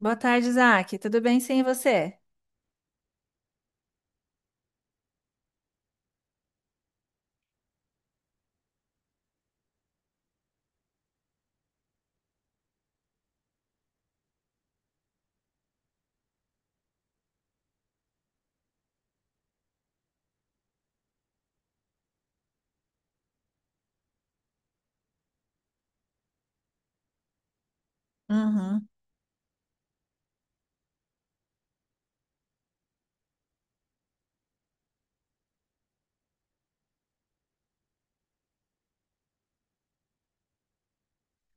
Boa tarde, Isaac. Tudo bem sim, e você? Uhum.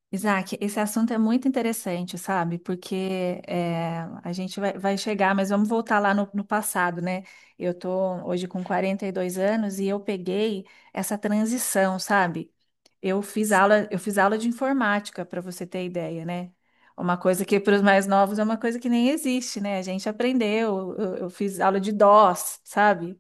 Isaac, esse assunto é muito interessante, sabe? Porque é, a gente vai chegar, mas vamos voltar lá no passado, né? Eu tô hoje com 42 anos e eu peguei essa transição, sabe? Eu fiz aula de informática, para você ter ideia, né? Uma coisa que para os mais novos é uma coisa que nem existe, né? A gente aprendeu, eu fiz aula de DOS, sabe?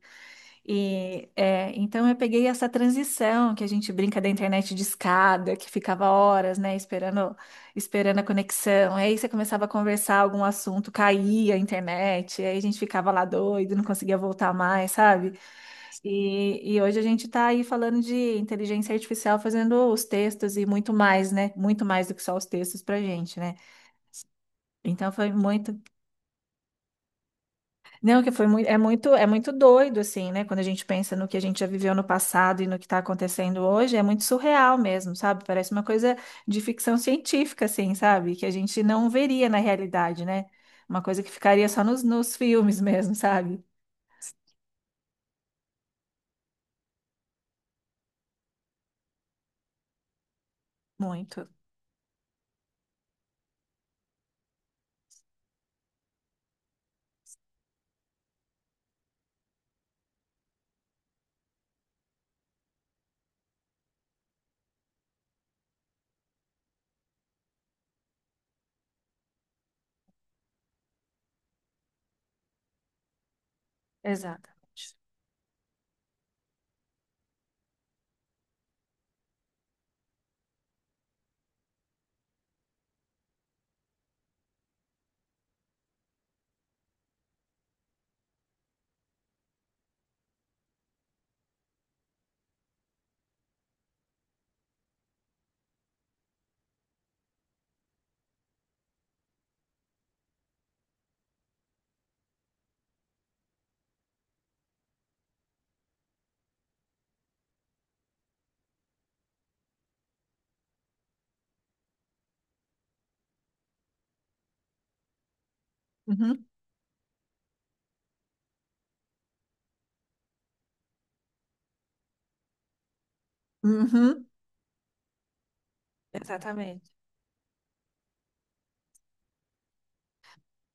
E é, então eu peguei essa transição que a gente brinca da internet de escada, que ficava horas, né, esperando, esperando a conexão. Aí você começava a conversar algum assunto, caía a internet, aí a gente ficava lá doido, não conseguia voltar mais, sabe? E hoje a gente está aí falando de inteligência artificial fazendo os textos e muito mais, né? Muito mais do que só os textos para gente, né? Então foi muito. Não, que foi muito, é muito doido, assim, né? Quando a gente pensa no que a gente já viveu no passado e no que está acontecendo hoje, é muito surreal mesmo, sabe? Parece uma coisa de ficção científica, assim, sabe? Que a gente não veria na realidade, né? Uma coisa que ficaria só nos filmes mesmo, sabe? Muito. Exatamente. Uhum. Uhum. Exatamente.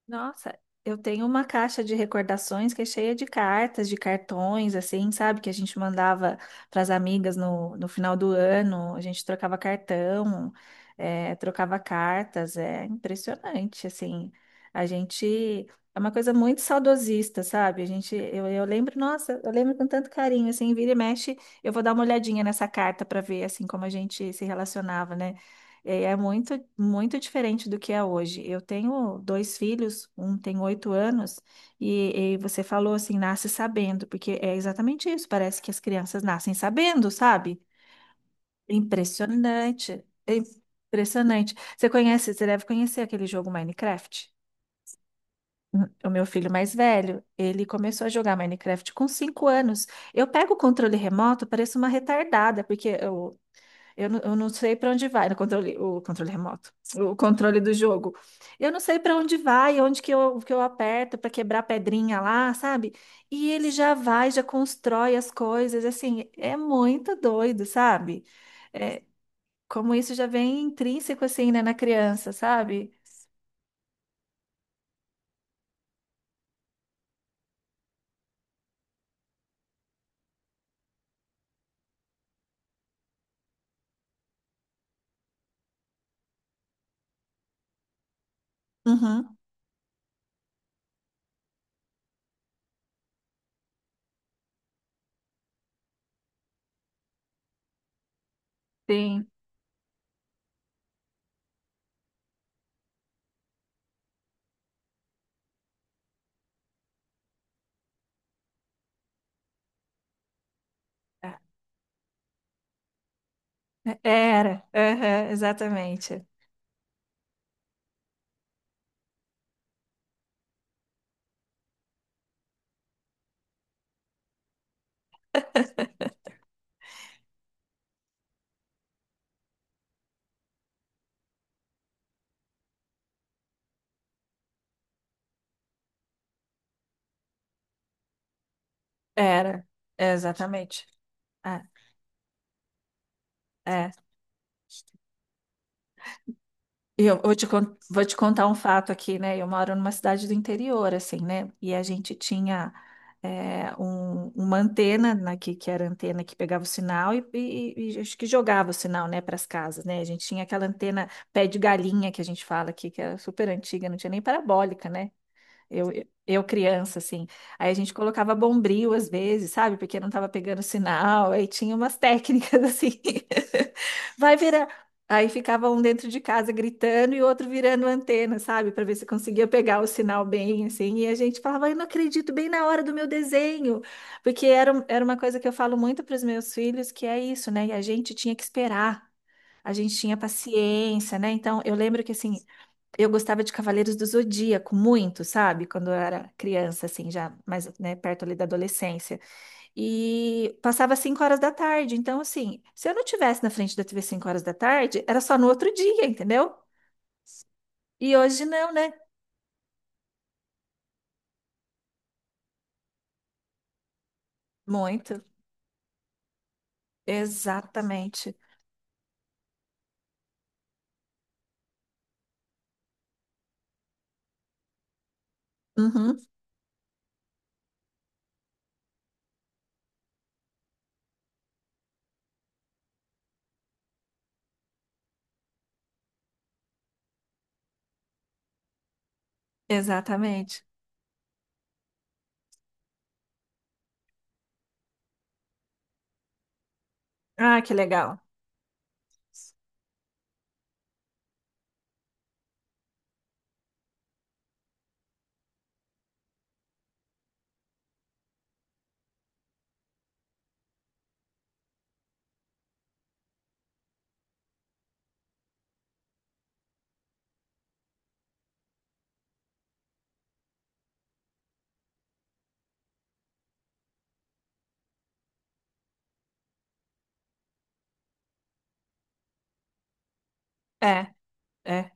Nossa, eu tenho uma caixa de recordações que é cheia de cartas, de cartões, assim, sabe? Que a gente mandava para as amigas no final do ano, a gente trocava cartão, é, trocava cartas, é impressionante, assim. A gente é uma coisa muito saudosista, sabe? A gente, eu lembro, nossa, eu lembro com tanto carinho, assim, vira e mexe, eu vou dar uma olhadinha nessa carta para ver, assim, como a gente se relacionava, né? É muito, muito diferente do que é hoje. Eu tenho dois filhos, um tem 8 anos, e você falou assim, nasce sabendo, porque é exatamente isso. Parece que as crianças nascem sabendo, sabe? É impressionante. Você conhece, você deve conhecer aquele jogo Minecraft? O meu filho mais velho, ele começou a jogar Minecraft com 5 anos. Eu pego o controle remoto, pareço uma retardada, porque eu não sei para onde vai no controle, o controle remoto, o controle do jogo. Eu não sei para onde vai, onde que eu aperto para quebrar a pedrinha lá, sabe? E ele já vai, já constrói as coisas, assim, é muito doido, sabe? É, como isso já vem intrínseco, assim, né, na criança, sabe? Uhum, sim. Era, aham, exatamente. Era, exatamente. É, é. E eu vou te contar um fato aqui, né? Eu moro numa cidade do interior, assim, né? E a gente tinha uma antena né, que era a antena que pegava o sinal e acho que jogava o sinal, né, para as casas, né? A gente tinha aquela antena pé de galinha que a gente fala aqui, que era super antiga, não tinha nem parabólica, né? Eu, eu criança, assim. Aí a gente colocava bombril às vezes, sabe? Porque não tava pegando sinal. Aí tinha umas técnicas assim. Vai virar. Aí ficava um dentro de casa gritando e o outro virando antena, sabe? Para ver se conseguia pegar o sinal bem, assim. E a gente falava, eu não acredito, bem na hora do meu desenho. Porque era, era uma coisa que eu falo muito para os meus filhos, que é isso, né? E a gente tinha que esperar. A gente tinha paciência, né? Então, eu lembro que, assim, eu gostava de Cavaleiros do Zodíaco muito, sabe? Quando eu era criança, assim, já mais, né, perto ali da adolescência. E passava 5 horas da tarde. Então, assim, se eu não tivesse na frente da TV 5 horas da tarde, era só no outro dia, entendeu? E hoje não, né? Muito. Exatamente. Uhum, exatamente. Ah, que legal. É, é.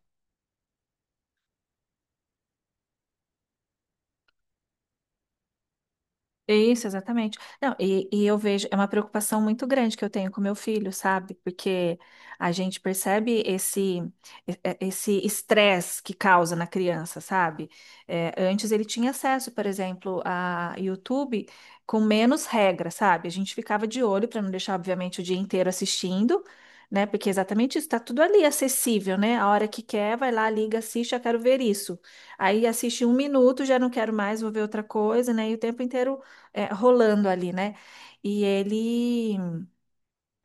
Isso, exatamente. Não, e eu vejo, é uma preocupação muito grande que eu tenho com meu filho, sabe? Porque a gente percebe esse esse estresse que causa na criança, sabe? É, antes ele tinha acesso, por exemplo, a YouTube com menos regra, sabe? A gente ficava de olho para não deixar, obviamente, o dia inteiro assistindo, né? Porque é exatamente isso, tá tudo ali acessível, né? A hora que quer, vai lá, liga, assiste, eu quero ver isso. Aí assiste um minuto, já não quero mais, vou ver outra coisa, né? E o tempo inteiro rolando ali, né? E ele.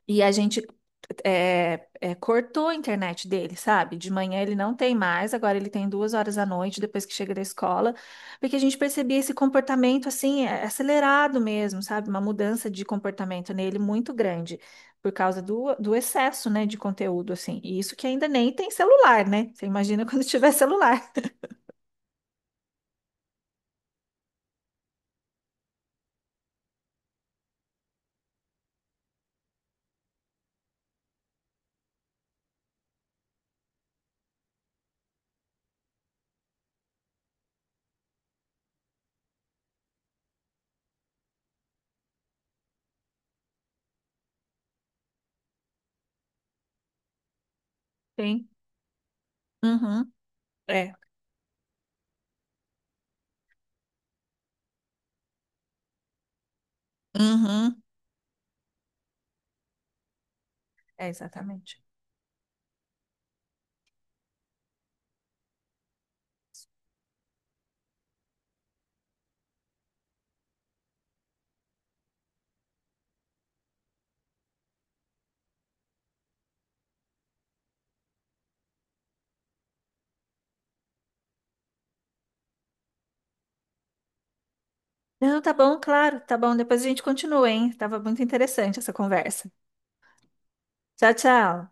E a gente cortou a internet dele, sabe? De manhã ele não tem mais, agora ele tem 2 horas à noite depois que chega da escola, porque a gente percebia esse comportamento assim, acelerado mesmo, sabe? Uma mudança de comportamento nele muito grande, por causa do excesso, né, de conteúdo, assim. E isso que ainda nem tem celular, né? Você imagina quando tiver celular. Tem. Uhum. É. Uhum. É, exatamente. Não, tá bom, claro, tá bom. Depois a gente continua, hein? Tava muito interessante essa conversa. Tchau, tchau.